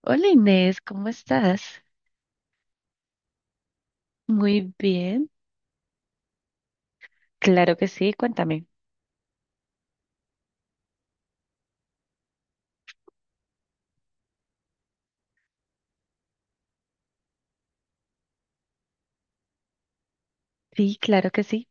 Hola Inés, ¿cómo estás? Muy bien, claro que sí, cuéntame. Sí, claro que sí.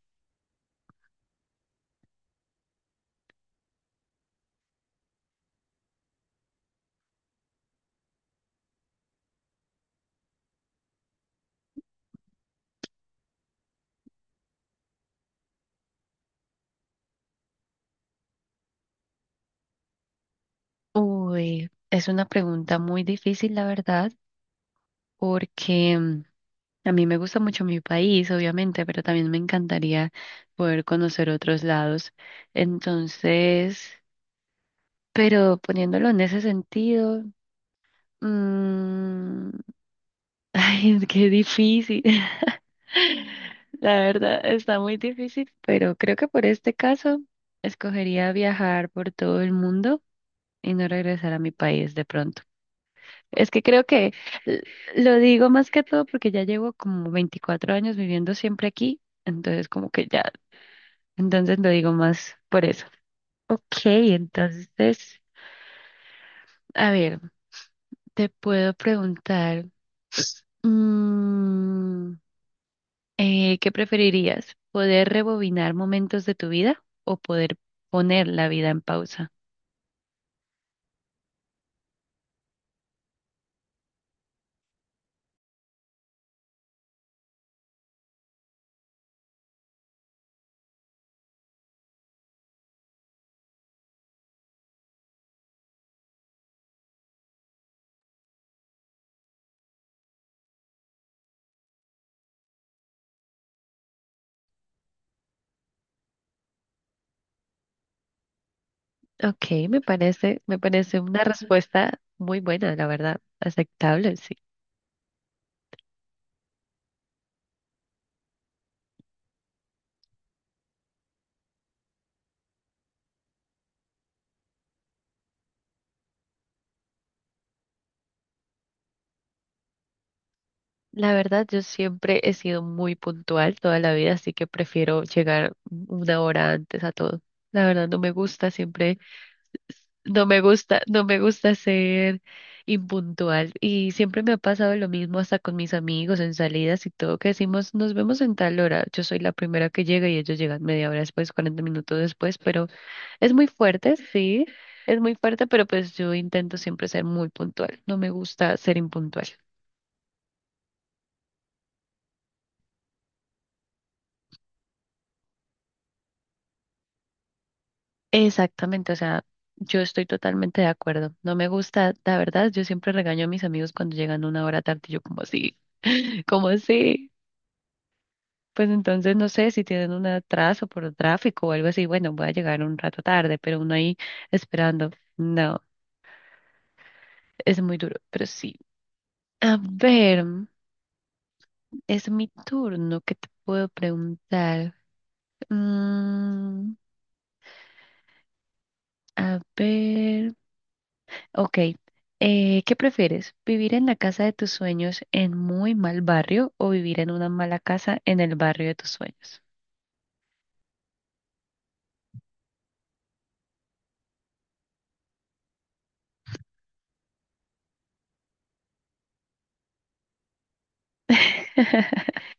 Uy, es una pregunta muy difícil, la verdad, porque a mí me gusta mucho mi país, obviamente, pero también me encantaría poder conocer otros lados. Entonces, pero poniéndolo en ese sentido, mm, ay, qué difícil. La verdad está muy difícil, pero creo que por este caso escogería viajar por todo el mundo y no regresar a mi país de pronto. Es que creo que l- lo digo más que todo porque ya llevo como 24 años viviendo siempre aquí, entonces como que ya, entonces lo digo más por eso. Ok, entonces, a ver, te puedo preguntar. ¿Qué preferirías? ¿Poder rebobinar momentos de tu vida o poder poner la vida en pausa? Ok, me parece una respuesta muy buena, la verdad, aceptable, sí. La verdad, yo siempre he sido muy puntual toda la vida, así que prefiero llegar una hora antes a todo. La verdad, no me gusta siempre. No me gusta, no me gusta ser impuntual y siempre me ha pasado lo mismo hasta con mis amigos en salidas y todo que decimos nos vemos en tal hora. Yo soy la primera que llega y ellos llegan media hora después, 40 minutos después, pero es muy fuerte, sí, es muy fuerte, pero pues yo intento siempre ser muy puntual. No me gusta ser impuntual. Exactamente, o sea, yo estoy totalmente de acuerdo. No me gusta, la verdad, yo siempre regaño a mis amigos cuando llegan una hora tarde, y yo como así, como así. Pues entonces no sé si tienen un atraso por tráfico o algo así. Bueno, voy a llegar un rato tarde, pero uno ahí esperando. No, es muy duro, pero sí. A ver, es mi turno. ¿Qué te puedo preguntar? Mm, a ver. Ok. ¿Qué prefieres? ¿Vivir en la casa de tus sueños en muy mal barrio o vivir en una mala casa en el barrio de tus sueños?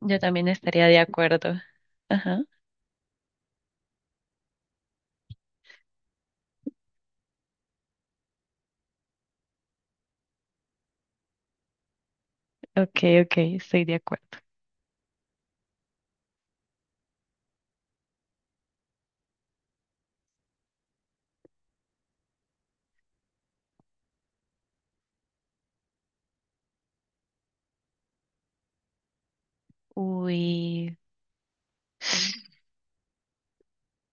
Yo también estaría de acuerdo. Ajá. Ok, ok, estoy de acuerdo. Uy,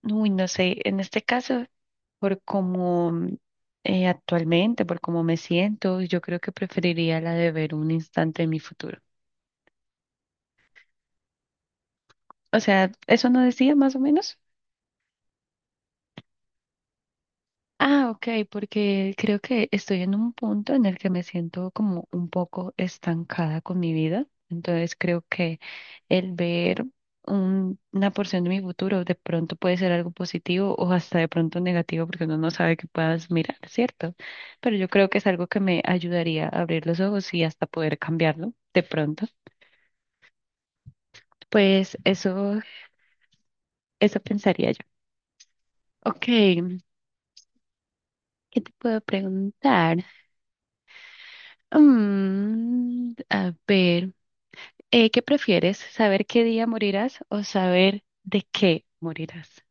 uy, no sé, en este caso, por cómo actualmente, por cómo me siento, yo creo que preferiría la de ver un instante de mi futuro. O sea, ¿eso no decía más o menos? Ah, ok, porque creo que estoy en un punto en el que me siento como un poco estancada con mi vida. Entonces creo que el ver una porción de mi futuro de pronto puede ser algo positivo o hasta de pronto negativo porque uno no sabe qué puedas mirar, ¿cierto? Pero yo creo que es algo que me ayudaría a abrir los ojos y hasta poder cambiarlo de pronto. Pues eso pensaría yo. Ok, ¿qué te puedo preguntar? A ver. ¿Qué prefieres? ¿Saber qué día morirás o saber de qué morirás?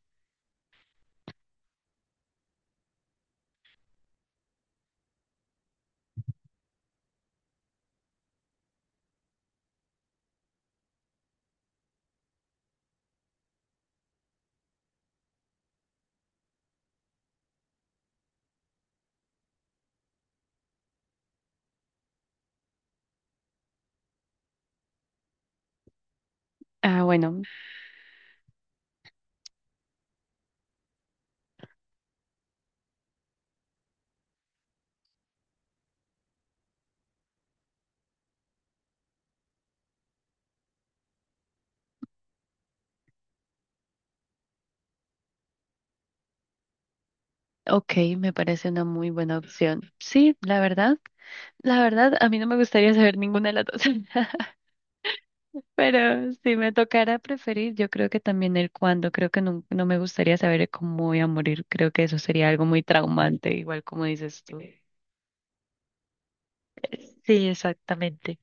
Ah, bueno, ok, me parece una muy buena opción. Sí, la verdad, a mí no me gustaría saber ninguna de las dos, pero si me tocara preferir, yo creo que también el cuándo, creo que no, no me gustaría saber cómo voy a morir, creo que eso sería algo muy traumante, igual como dices tú. Sí, exactamente.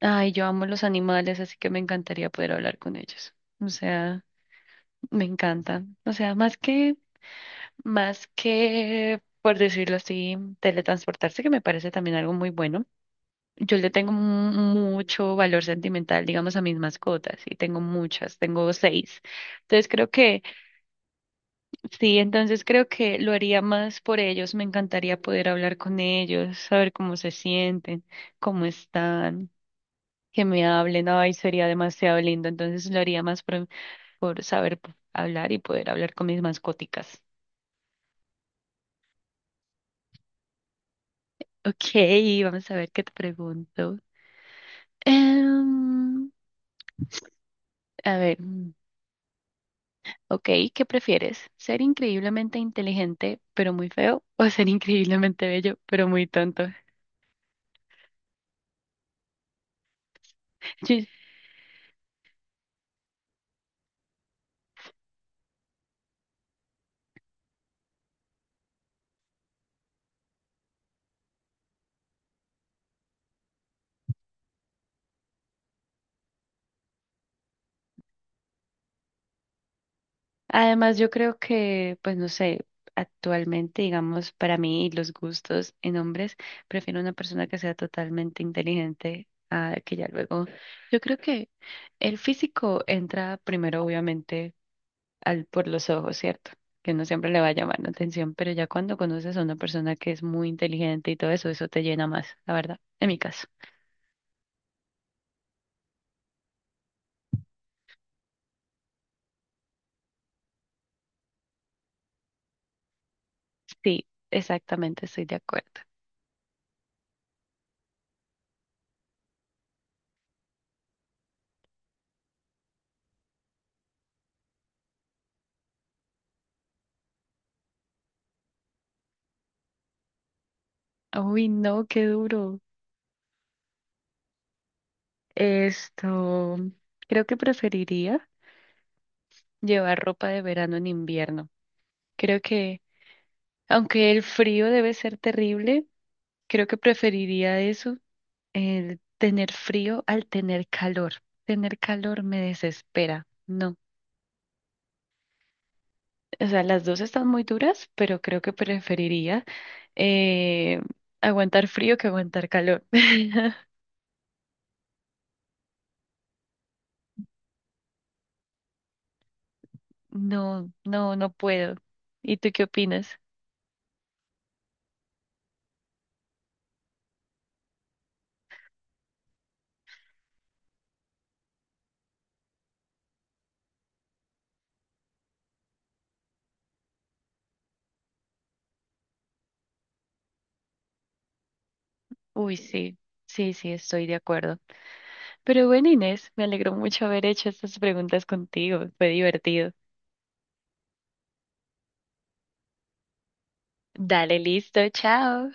Ay, yo amo los animales, así que me encantaría poder hablar con ellos. O sea, me encanta. O sea, más que... Más que, por decirlo así, teletransportarse, que me parece también algo muy bueno. Yo le tengo mucho valor sentimental, digamos, a mis mascotas, y tengo muchas, tengo seis. Entonces creo que, sí, entonces creo que lo haría más por ellos. Me encantaría poder hablar con ellos, saber cómo se sienten, cómo están, que me hablen. Ay, sería demasiado lindo. Entonces lo haría más por saber hablar y poder hablar con mis mascóticas. Ok, vamos a ver qué te pregunto. Em, a ver, ok, ¿qué prefieres? ¿Ser increíblemente inteligente pero muy feo o ser increíblemente bello pero muy tonto? Sí. Además, yo creo que, pues no sé, actualmente, digamos, para mí y los gustos en hombres, prefiero una persona que sea totalmente inteligente a que ya luego. Yo creo que el físico entra primero, obviamente al, por los ojos, ¿cierto? Que no siempre le va a llamar la atención, pero ya cuando conoces a una persona que es muy inteligente y todo eso, eso te llena más, la verdad, en mi caso. Sí, exactamente, estoy de acuerdo. Uy, no, qué duro. Esto, creo que preferiría llevar ropa de verano en invierno. Creo que, aunque el frío debe ser terrible, creo que preferiría eso, el tener frío al tener calor. Tener calor me desespera. No. O sea, las dos están muy duras, pero creo que preferiría eh, aguantar frío que aguantar calor. No, no, no puedo. ¿Y tú qué opinas? Uy, sí, sí, sí, estoy de acuerdo. Pero bueno, Inés, me alegró mucho haber hecho estas preguntas contigo. Fue divertido. Dale, listo, chao.